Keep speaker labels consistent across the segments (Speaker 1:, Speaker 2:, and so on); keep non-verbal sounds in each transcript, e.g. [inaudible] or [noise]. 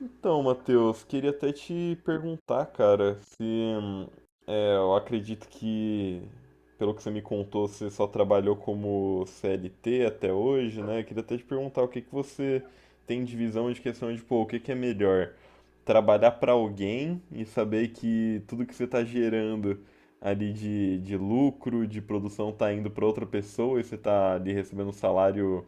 Speaker 1: Então, Matheus, queria até te perguntar, cara, se é, eu acredito que, pelo que você me contou, você só trabalhou como CLT até hoje, né? Queria até te perguntar o que que você tem de visão de questão de, pô, o que que é melhor? Trabalhar para alguém e saber que tudo que você está gerando ali de lucro, de produção, tá indo para outra pessoa e você tá ali recebendo um salário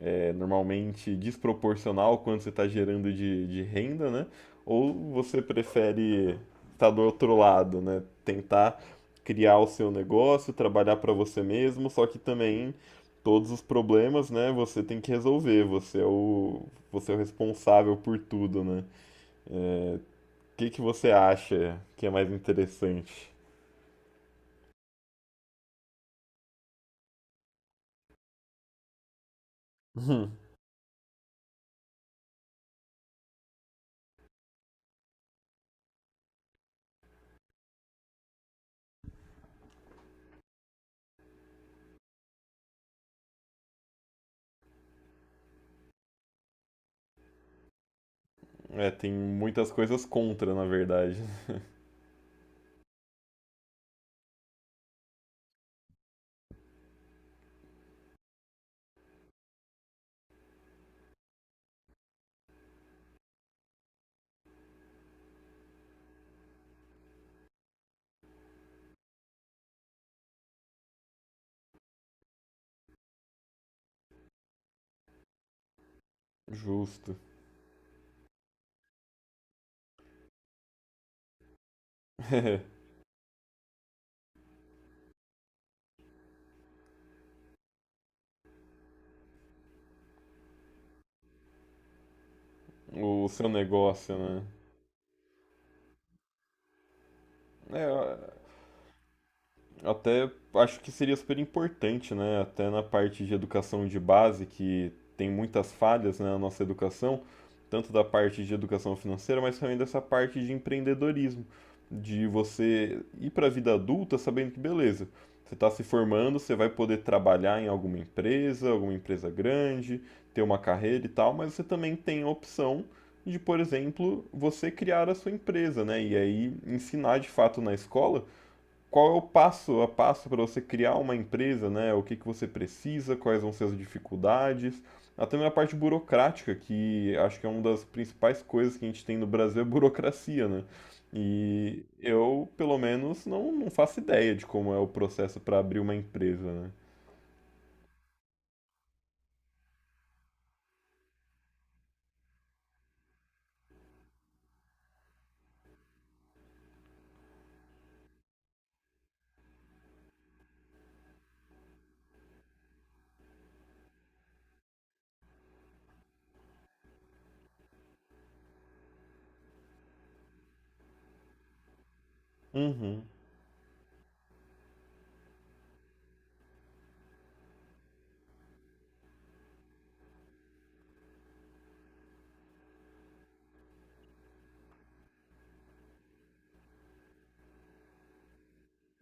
Speaker 1: normalmente desproporcional ao quanto você está gerando de renda, né? Ou você prefere estar do outro lado, né? Tentar criar o seu negócio, trabalhar para você mesmo, só que também todos os problemas, né? Você tem que resolver, você é o responsável por tudo, né? O que que você acha que é mais interessante? [laughs] É, tem muitas coisas contra, na verdade. [laughs] Justo. [laughs] O seu negócio, né? É, Até acho que seria super importante, né? Até na parte de educação de base, que tem muitas falhas, né, na nossa educação, tanto da parte de educação financeira, mas também dessa parte de empreendedorismo, de você ir para a vida adulta sabendo que, beleza, você está se formando, você vai poder trabalhar em alguma empresa grande, ter uma carreira e tal, mas você também tem a opção de, por exemplo, você criar a sua empresa, né? E aí ensinar de fato na escola qual é o passo a passo para você criar uma empresa, né? O que que você precisa, quais vão ser as dificuldades, até mesmo a parte burocrática, que acho que é uma das principais coisas que a gente tem no Brasil é burocracia, né? E eu, pelo menos, não faço ideia de como é o processo para abrir uma empresa, né? Uhum,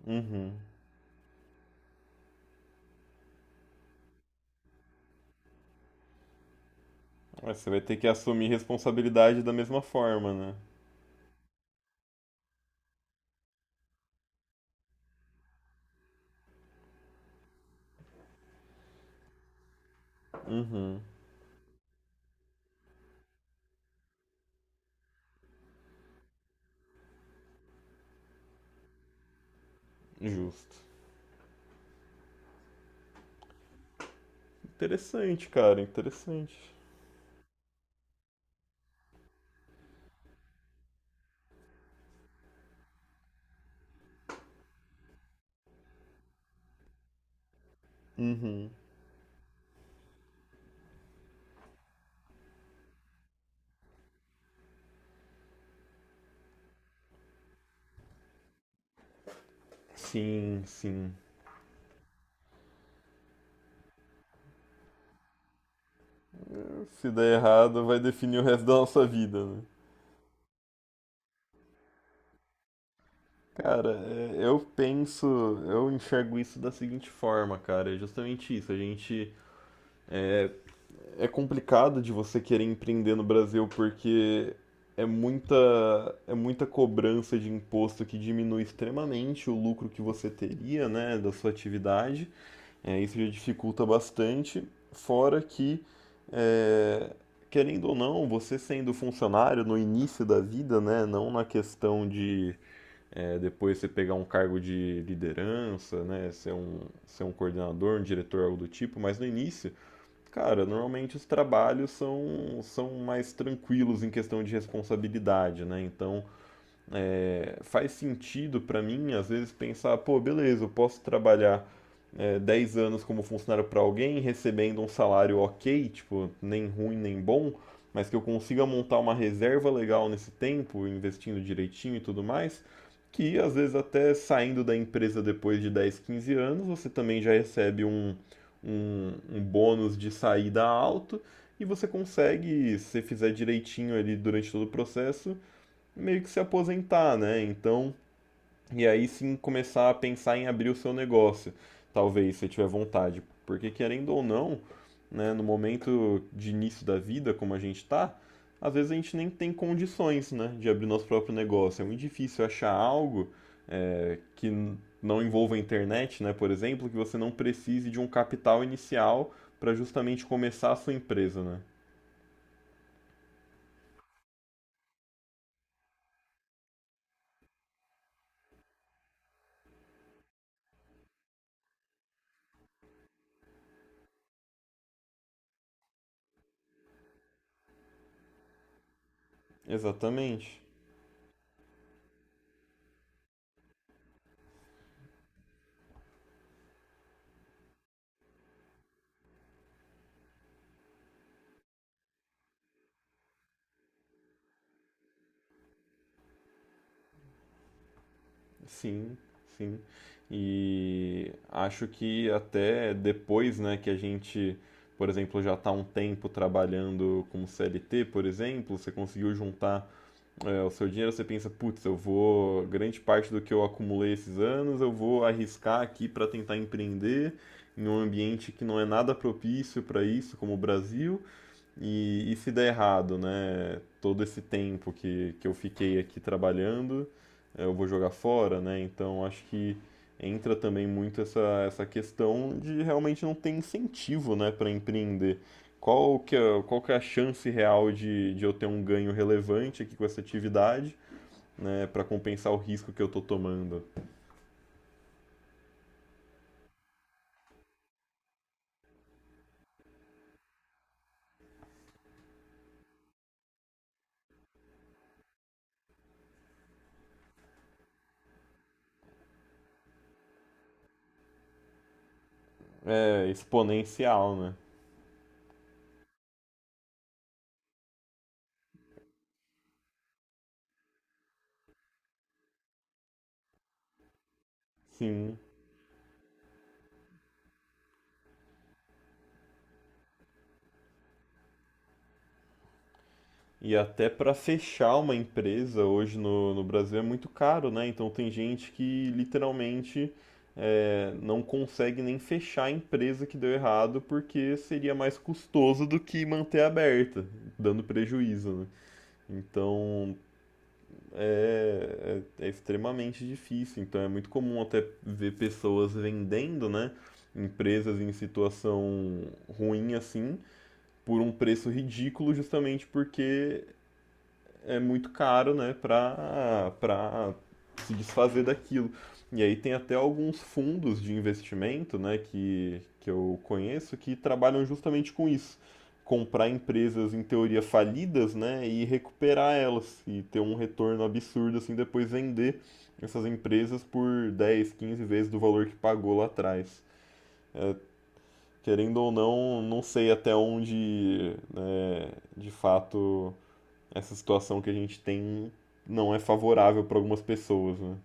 Speaker 1: uhum. Mas você vai ter que assumir responsabilidade da mesma forma, né? Uhum, justo. Interessante, cara, interessante. Uhum. Sim, sim. Se der errado, vai definir o resto da nossa vida, né? Cara, é, eu penso, eu enxergo isso da seguinte forma, cara, é justamente isso. É, é complicado de você querer empreender no Brasil porque é muita é muita cobrança de imposto que diminui extremamente o lucro que você teria, né, da sua atividade. É, isso já dificulta bastante, fora que, é, querendo ou não, você sendo funcionário no início da vida, né, não na questão de depois você pegar um cargo de liderança, né, ser um coordenador, um diretor, algo do tipo, mas no início, cara, normalmente os trabalhos são mais tranquilos em questão de responsabilidade, né, então faz sentido para mim, às vezes, pensar, pô, beleza, eu posso trabalhar 10 anos como funcionário para alguém, recebendo um salário ok, tipo, nem ruim nem bom, mas que eu consiga montar uma reserva legal nesse tempo, investindo direitinho e tudo mais, que às vezes até saindo da empresa depois de 10, 15 anos, você também já recebe um bônus de saída alto e você consegue, se fizer direitinho ali durante todo o processo, meio que se aposentar, né? Então, e aí sim começar a pensar em abrir o seu negócio, talvez, se tiver vontade. Porque querendo ou não, né, no momento de início da vida, como a gente tá, às vezes a gente nem tem condições, né, de abrir nosso próprio negócio. É muito difícil achar algo que não envolva a internet, né, por exemplo, que você não precise de um capital inicial para justamente começar a sua empresa, né? Exatamente. Sim, sim. E acho que até depois, né, que a gente, por exemplo, já está um tempo trabalhando como CLT, por exemplo, você conseguiu juntar, o seu dinheiro, você pensa, putz, eu vou, grande parte do que eu acumulei esses anos, eu vou arriscar aqui para tentar empreender em um ambiente que não é nada propício para isso, como o Brasil, e se der errado, né? Todo esse tempo que eu fiquei aqui trabalhando, eu vou jogar fora, né? Então acho que entra também muito essa questão de realmente não ter incentivo, né, para empreender. Qual que é a chance real de eu ter um ganho relevante aqui com essa atividade, né, para compensar o risco que eu tô tomando? É exponencial, né? Sim. E até para fechar uma empresa hoje no Brasil é muito caro, né? Então tem gente que literalmente não consegue nem fechar a empresa que deu errado porque seria mais custoso do que manter aberta, dando prejuízo, né? Então é extremamente difícil. Então é muito comum até ver pessoas vendendo, né? Empresas em situação ruim assim, por um preço ridículo, justamente porque é muito caro, né, para se desfazer daquilo. E aí tem até alguns fundos de investimento, né, que eu conheço que trabalham justamente com isso. Comprar empresas em teoria falidas, né, e recuperar elas e ter um retorno absurdo assim depois vender essas empresas por 10, 15 vezes do valor que pagou lá atrás. Querendo ou não, não sei até onde né, de fato essa situação que a gente tem não é favorável para algumas pessoas, né?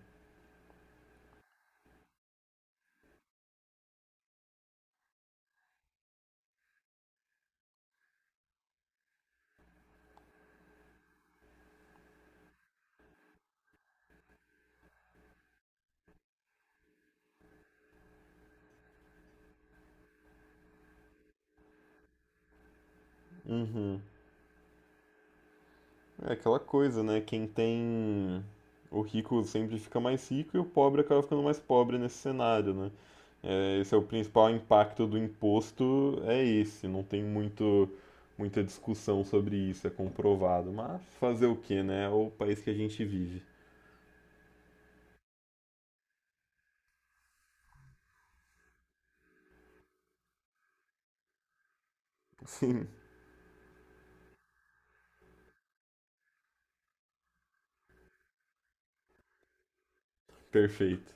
Speaker 1: Uhum. É aquela coisa, né? Quem tem. O rico sempre fica mais rico e o pobre acaba ficando mais pobre nesse cenário, né? É, esse é o principal impacto do imposto, é esse. Não tem muito, muita discussão sobre isso, é comprovado. Mas fazer o quê, né? É o país que a gente vive. [laughs] Sim, perfeito.